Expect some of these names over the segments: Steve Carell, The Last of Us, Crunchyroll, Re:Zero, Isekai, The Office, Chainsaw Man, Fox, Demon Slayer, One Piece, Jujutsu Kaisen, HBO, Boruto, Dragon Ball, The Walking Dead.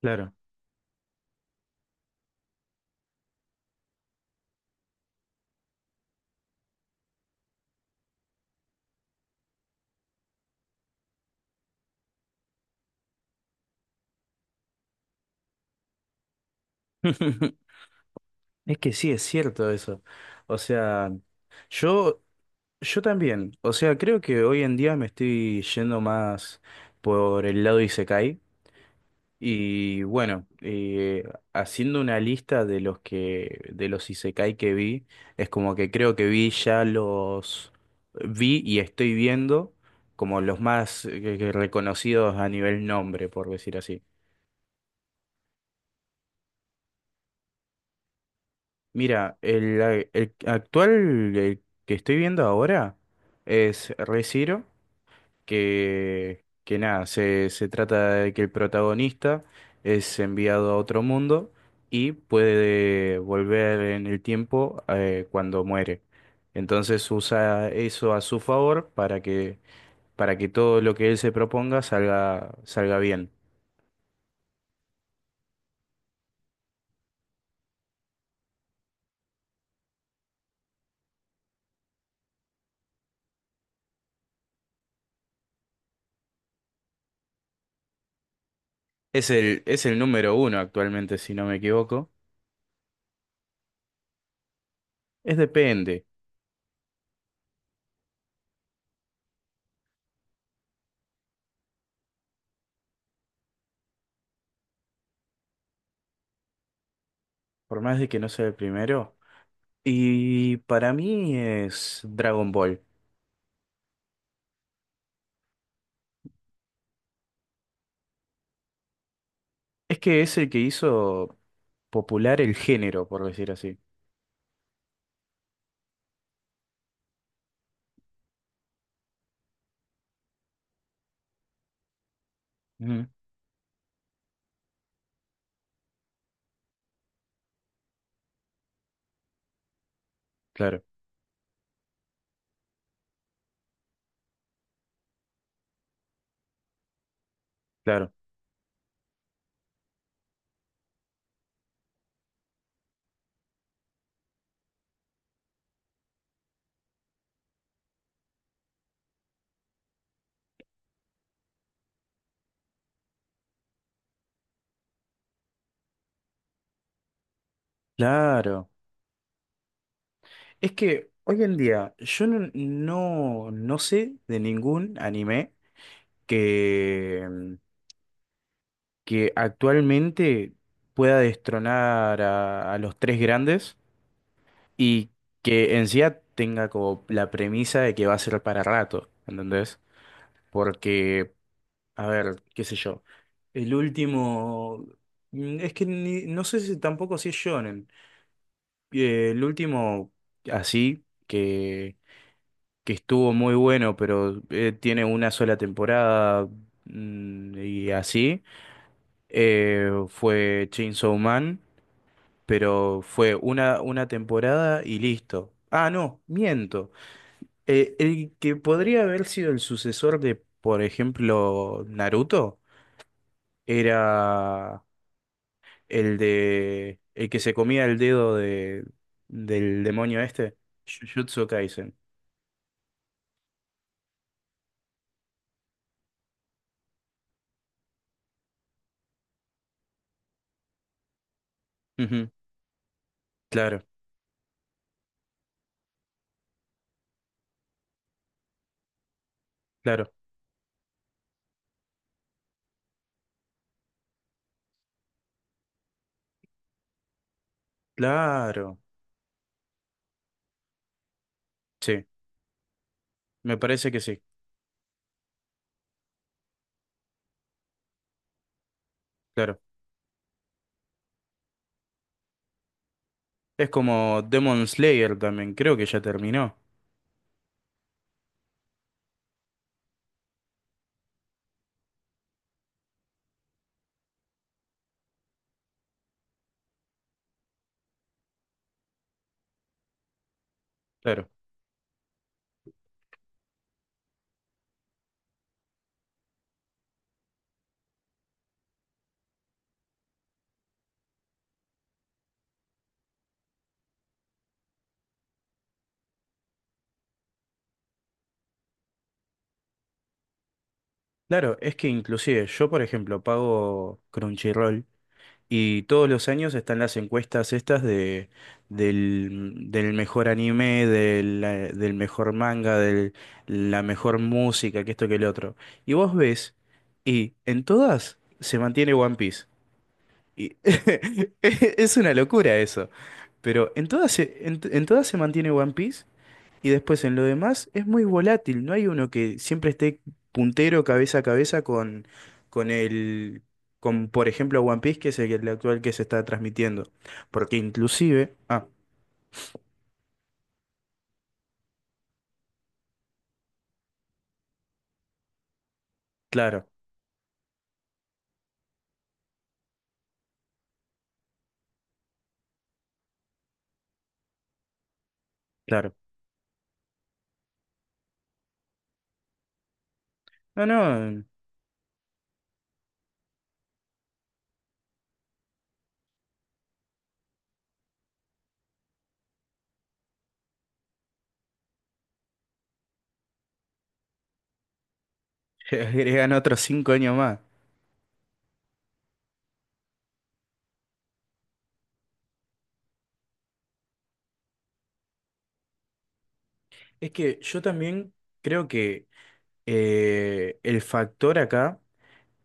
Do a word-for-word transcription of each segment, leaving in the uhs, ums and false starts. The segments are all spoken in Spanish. Claro. Es que sí, es cierto eso. O sea, yo, yo también. O sea, creo que hoy en día me estoy yendo más por el lado Isekai. Y bueno, eh, haciendo una lista de los que, de los Isekai que vi, es como que creo que vi ya los vi y estoy viendo como los más eh, reconocidos a nivel nombre, por decir así. Mira, el, a- el actual el que estoy viendo ahora es Re:Zero, que, que nada, se, se trata de que el protagonista es enviado a otro mundo y puede volver en el tiempo eh, cuando muere. Entonces usa eso a su favor para que, para que todo lo que él se proponga salga, salga bien. Es el, es el número uno actualmente, si no me equivoco. Es depende, por más de que no sea el primero. Y para mí es Dragon Ball. Es que es el que hizo popular el género, por decir así. Ujú. Claro, claro, claro. Es que hoy en día yo no, no, no sé de ningún anime que, mm, que actualmente pueda destronar a, a los tres grandes y que en sí ya tenga como la premisa de que va a ser para rato, ¿entendés? Porque A ver, qué sé yo. El último. mm, Es que ni- no sé si tampoco si es shonen. Eh, el último, así, que, que estuvo muy bueno, pero eh, tiene una sola temporada mm, y así, eh, fue Chainsaw Man, pero fue una, una temporada y listo. Ah, no, miento. Eh, el que podría haber sido el sucesor de, por ejemplo, Naruto, era. El de. El que se comía el dedo de, del demonio este. Jujutsu Kaisen. Ujú. Claro, claro, claro. Sí, me parece que sí, claro. Es como Demon Slayer también, creo que ya terminó. Claro, claro, es que inclusive yo, por ejemplo, pago Crunchyroll. Y todos los años están las encuestas estas de, del, del mejor anime, del, eh, del mejor manga, de la mejor música, que esto que el otro. Y vos ves, y en todas se mantiene One Piece. Y es una locura eso. Pero en todas se, en, en todas se mantiene One Piece y después en lo demás es muy volátil, no hay uno que siempre esté puntero cabeza a cabeza con, con el, con por ejemplo One Piece, que es el, el actual que se está transmitiendo. Porque inclusive, ah, claro, claro. No, no, agregan otros cinco años más. Es que yo también creo que eh, el factor acá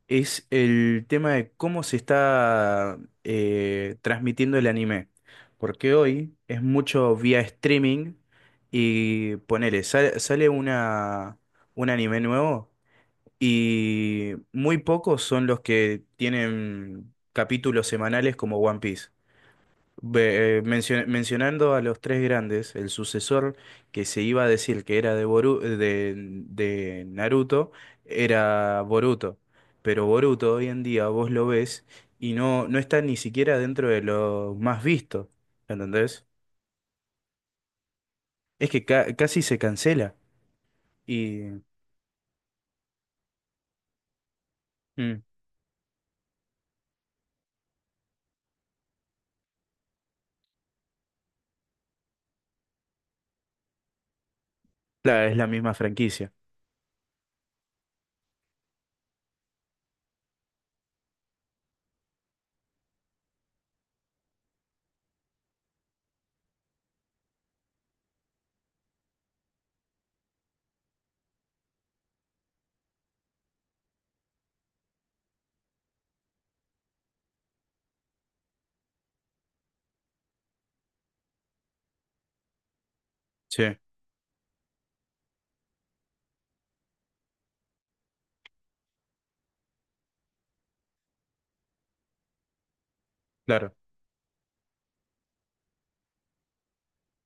es el tema de cómo se está eh, transmitiendo el anime. Porque hoy es mucho vía streaming y ponele, sale, sale una, un anime nuevo y muy pocos son los que tienen capítulos semanales como One Piece. Ve- eh, mencio- mencionando a los tres grandes, el sucesor que se iba a decir que era de, Boru- eh, de, de Naruto era Boruto, pero Boruto hoy en día vos lo ves y no, no está ni siquiera dentro de lo más visto, ¿entendés? Es que ca- casi se cancela y mm, claro, es la misma franquicia, sí, claro,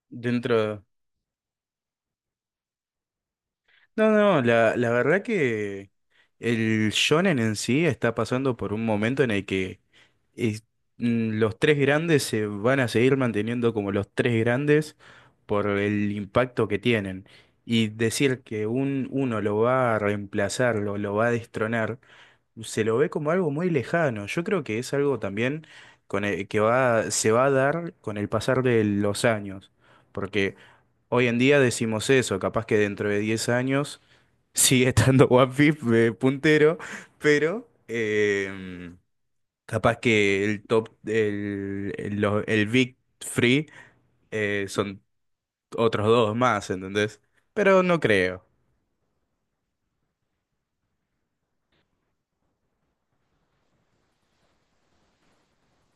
dentro... No, no, la, la verdad que... El shonen en sí está pasando por un momento en el que es- mm, los tres grandes se van a seguir manteniendo como los tres grandes por el impacto que tienen. Y decir que un, uno lo va a reemplazar, lo, lo va a destronar, se lo ve como algo muy lejano. Yo creo que es algo también con el- que va, se va a dar con el pasar de los años. Porque hoy en día decimos eso, capaz que dentro de diez años sigue estando One Piece eh, puntero, pero em, capaz que el top, el, el, lo- el Big Free eh, son otros dos más, ¿entendés? Pero no creo,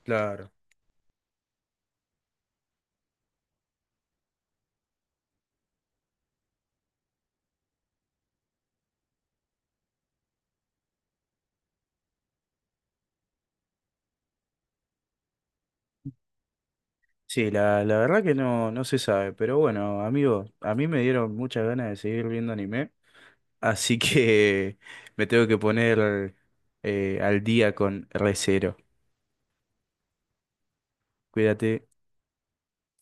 claro. Sí, la, la verdad que no, no se sabe, pero bueno, amigo, a mí me dieron muchas ganas de seguir viendo anime, así que me tengo que poner eh, al día con Re:Zero. Cuídate.